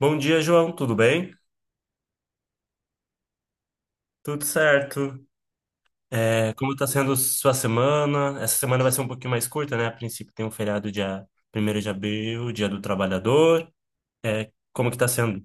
Bom dia, João. Tudo bem? Tudo certo. É, como está sendo sua semana? Essa semana vai ser um pouquinho mais curta, né? A princípio tem um feriado dia 1º de abril, Dia do Trabalhador. É, como que está sendo?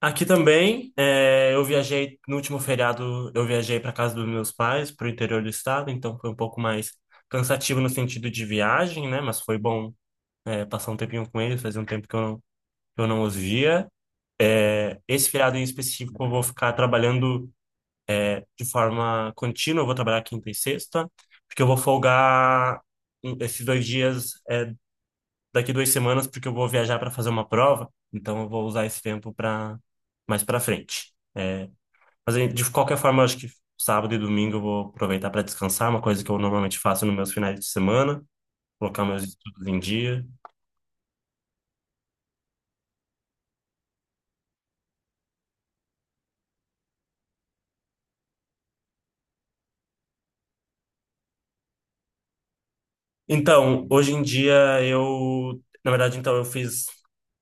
Aqui também, é, eu viajei no último feriado, eu viajei para casa dos meus pais, para o interior do estado, então foi um pouco mais cansativo no sentido de viagem, né? Mas foi bom, é, passar um tempinho com eles, fazia um tempo que eu não os via. É, esse feriado em específico eu vou ficar trabalhando de forma contínua, eu vou trabalhar quinta e sexta, porque eu vou folgar esses dois dias, daqui 2 semanas, porque eu vou viajar para fazer uma prova, então eu vou usar esse tempo para mais para frente. É, mas aí, de qualquer forma, eu acho que sábado e domingo eu vou aproveitar para descansar, uma coisa que eu normalmente faço nos meus finais de semana, colocar meus estudos em dia. Então, hoje em dia eu, na verdade,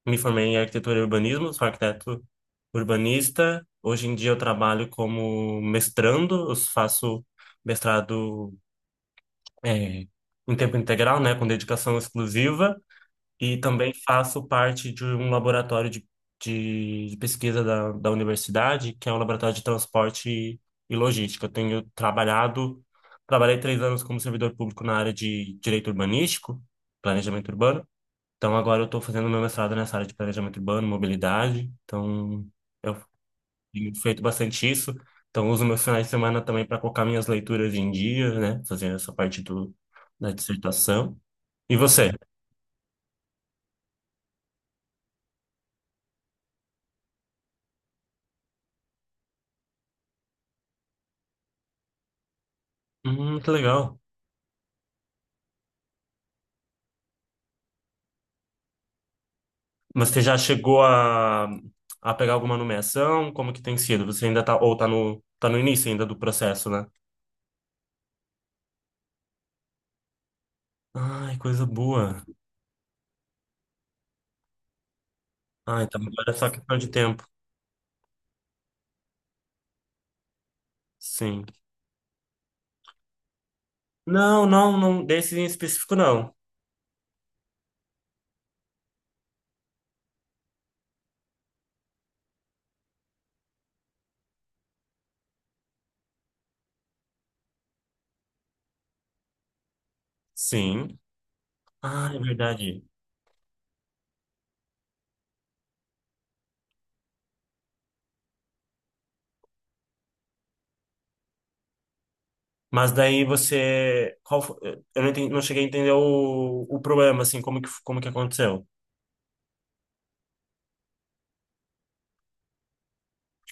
me formei em arquitetura e urbanismo, sou arquiteto urbanista. Hoje em dia eu trabalho como mestrando, eu faço mestrado eh, em tempo integral, né, com dedicação exclusiva. E também faço parte de um laboratório de pesquisa da universidade, que é um laboratório de transporte e logística. Trabalhei 3 anos como servidor público na área de direito urbanístico, planejamento urbano. Então agora eu estou fazendo meu mestrado nessa área de planejamento urbano, mobilidade. Então eu tenho feito bastante isso. Então uso meus finais de semana também para colocar minhas leituras em dia, né? Fazer essa parte da dissertação. E você? Que legal. Mas você já chegou a pegar alguma nomeação? Como que tem sido? Você ainda tá no início ainda do processo, né? Ai, coisa boa. Ai, então agora é só questão de tempo. Sim. Não, não, não, desse em específico não. Sim. Ah, é verdade. Mas daí você, eu não entendi, não cheguei a entender o problema, assim, como que aconteceu.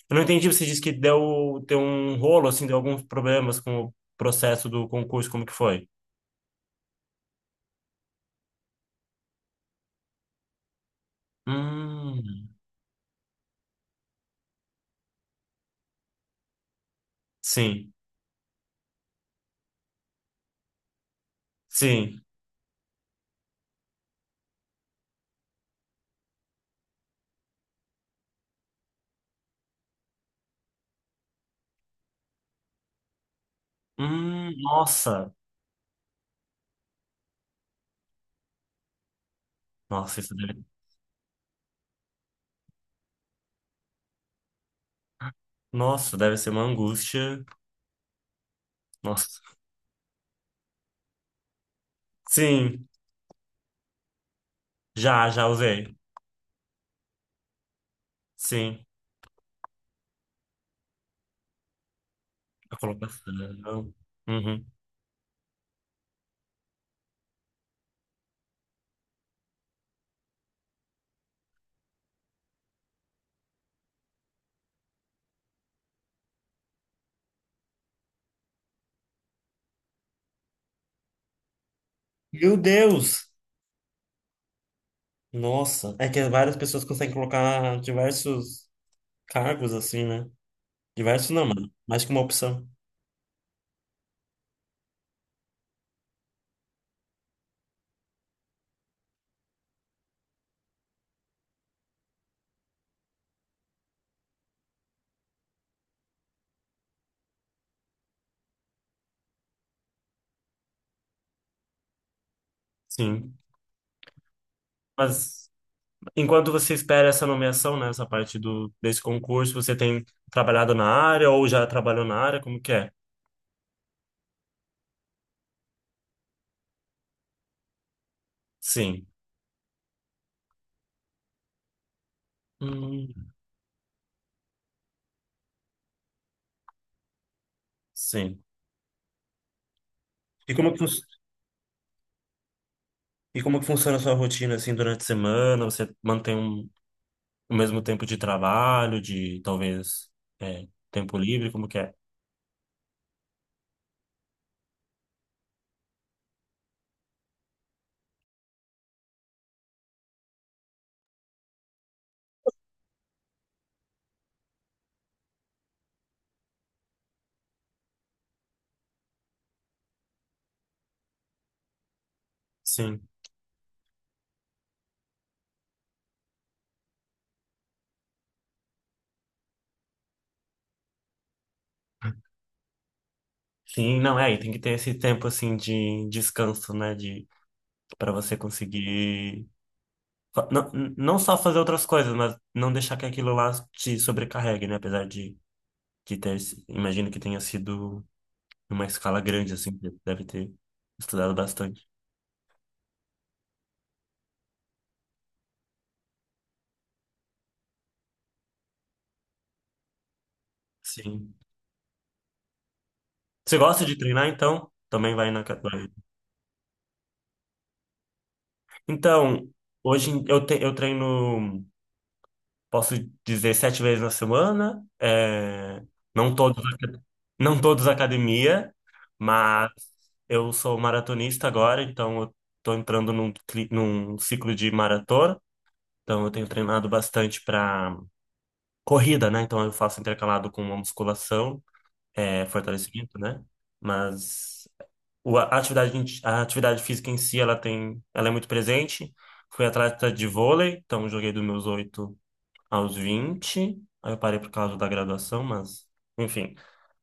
Eu não entendi, você disse que deu um rolo, assim, deu alguns problemas com o processo do concurso, como que foi? Hum, sim. Sim. Nossa. Nossa, isso deve... Nossa, deve ser uma angústia. Nossa. Sim, já usei. Sim, a colocação. Uhum. Meu Deus! Nossa, é que várias pessoas conseguem colocar diversos cargos assim, né? Diversos não, mano. Mais que uma opção. Sim. Mas enquanto você espera essa nomeação, né? Essa parte desse concurso, você tem trabalhado na área ou já trabalhou na área? Como que é? Sim. Hum, sim. E como é que, fun- e como é que funciona a sua rotina assim durante a semana? Você mantém o mesmo tempo de trabalho, de talvez tempo livre, como que é? Sim. Sim, não é, e tem que ter esse tempo assim de descanso, né, de para você conseguir não, não só fazer outras coisas, mas não deixar que aquilo lá te sobrecarregue, né, apesar de ter, imagino que tenha sido numa escala grande assim, que deve ter estudado bastante. Sim. Você gosta de treinar então? Também vai na, vai. Então, eu treino, posso dizer, 7 vezes na semana. É, não todos, não todos academia, mas eu sou maratonista agora, então eu estou entrando num ciclo de maratona. Então, eu tenho treinado bastante para corrida, né? Então, eu faço intercalado com uma musculação, fortalecimento, né? Mas a atividade, a atividade física em si, ela é muito presente. Fui atleta de vôlei, então joguei dos meus 8 aos 20. Aí eu parei por causa da graduação, mas, enfim,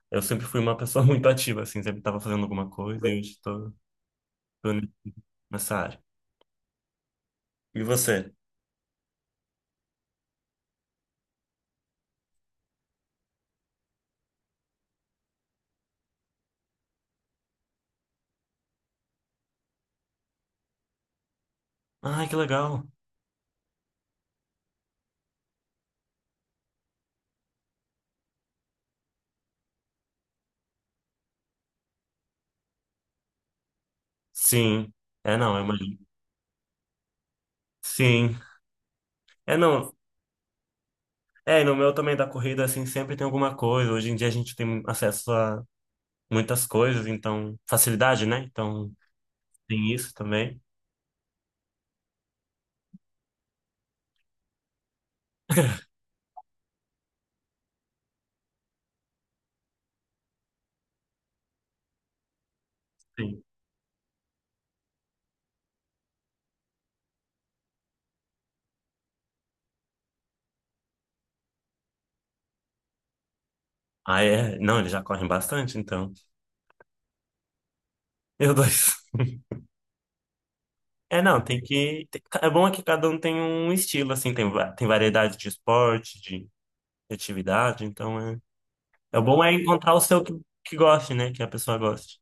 eu sempre fui uma pessoa muito ativa, assim, sempre estava fazendo alguma coisa e hoje estou nessa área. E você? Ai, que legal. Sim. É, não, é uma... Sim. É, não. É, e no meu também da corrida, assim, sempre tem alguma coisa. Hoje em dia a gente tem acesso a muitas coisas, então, facilidade, né? Então, tem isso também. Sim. Ah, é? Não, eles já correm bastante, então. Meu Deus. É, não, tem que. É bom é que cada um tem um estilo, assim, tem variedade de esporte, de atividade, então é. É bom é encontrar o seu que, goste, né? Que a pessoa goste.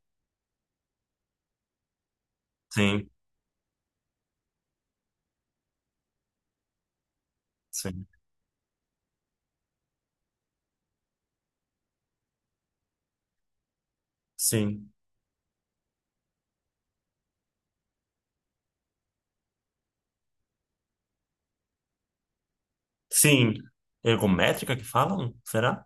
Sim, sim, sim. Sim. Ergométrica que falam? Será?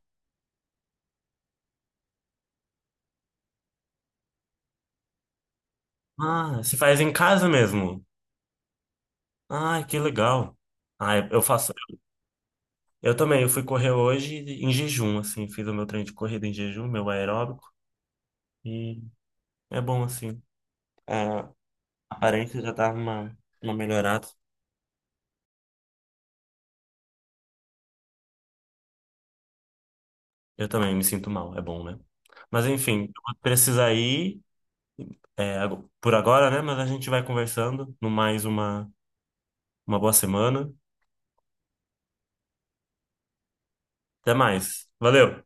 Ah, se faz em casa mesmo. Ah, que legal. Ah, eu faço. Eu também, eu fui correr hoje em jejum, assim, fiz o meu treino de corrida em jejum, meu aeróbico. É bom assim. É, a aparência já tá uma, melhorada. Eu também me sinto mal, é bom, né? Mas enfim, eu vou precisar ir por agora, né? Mas a gente vai conversando. No mais, uma, boa semana. Até mais. Valeu!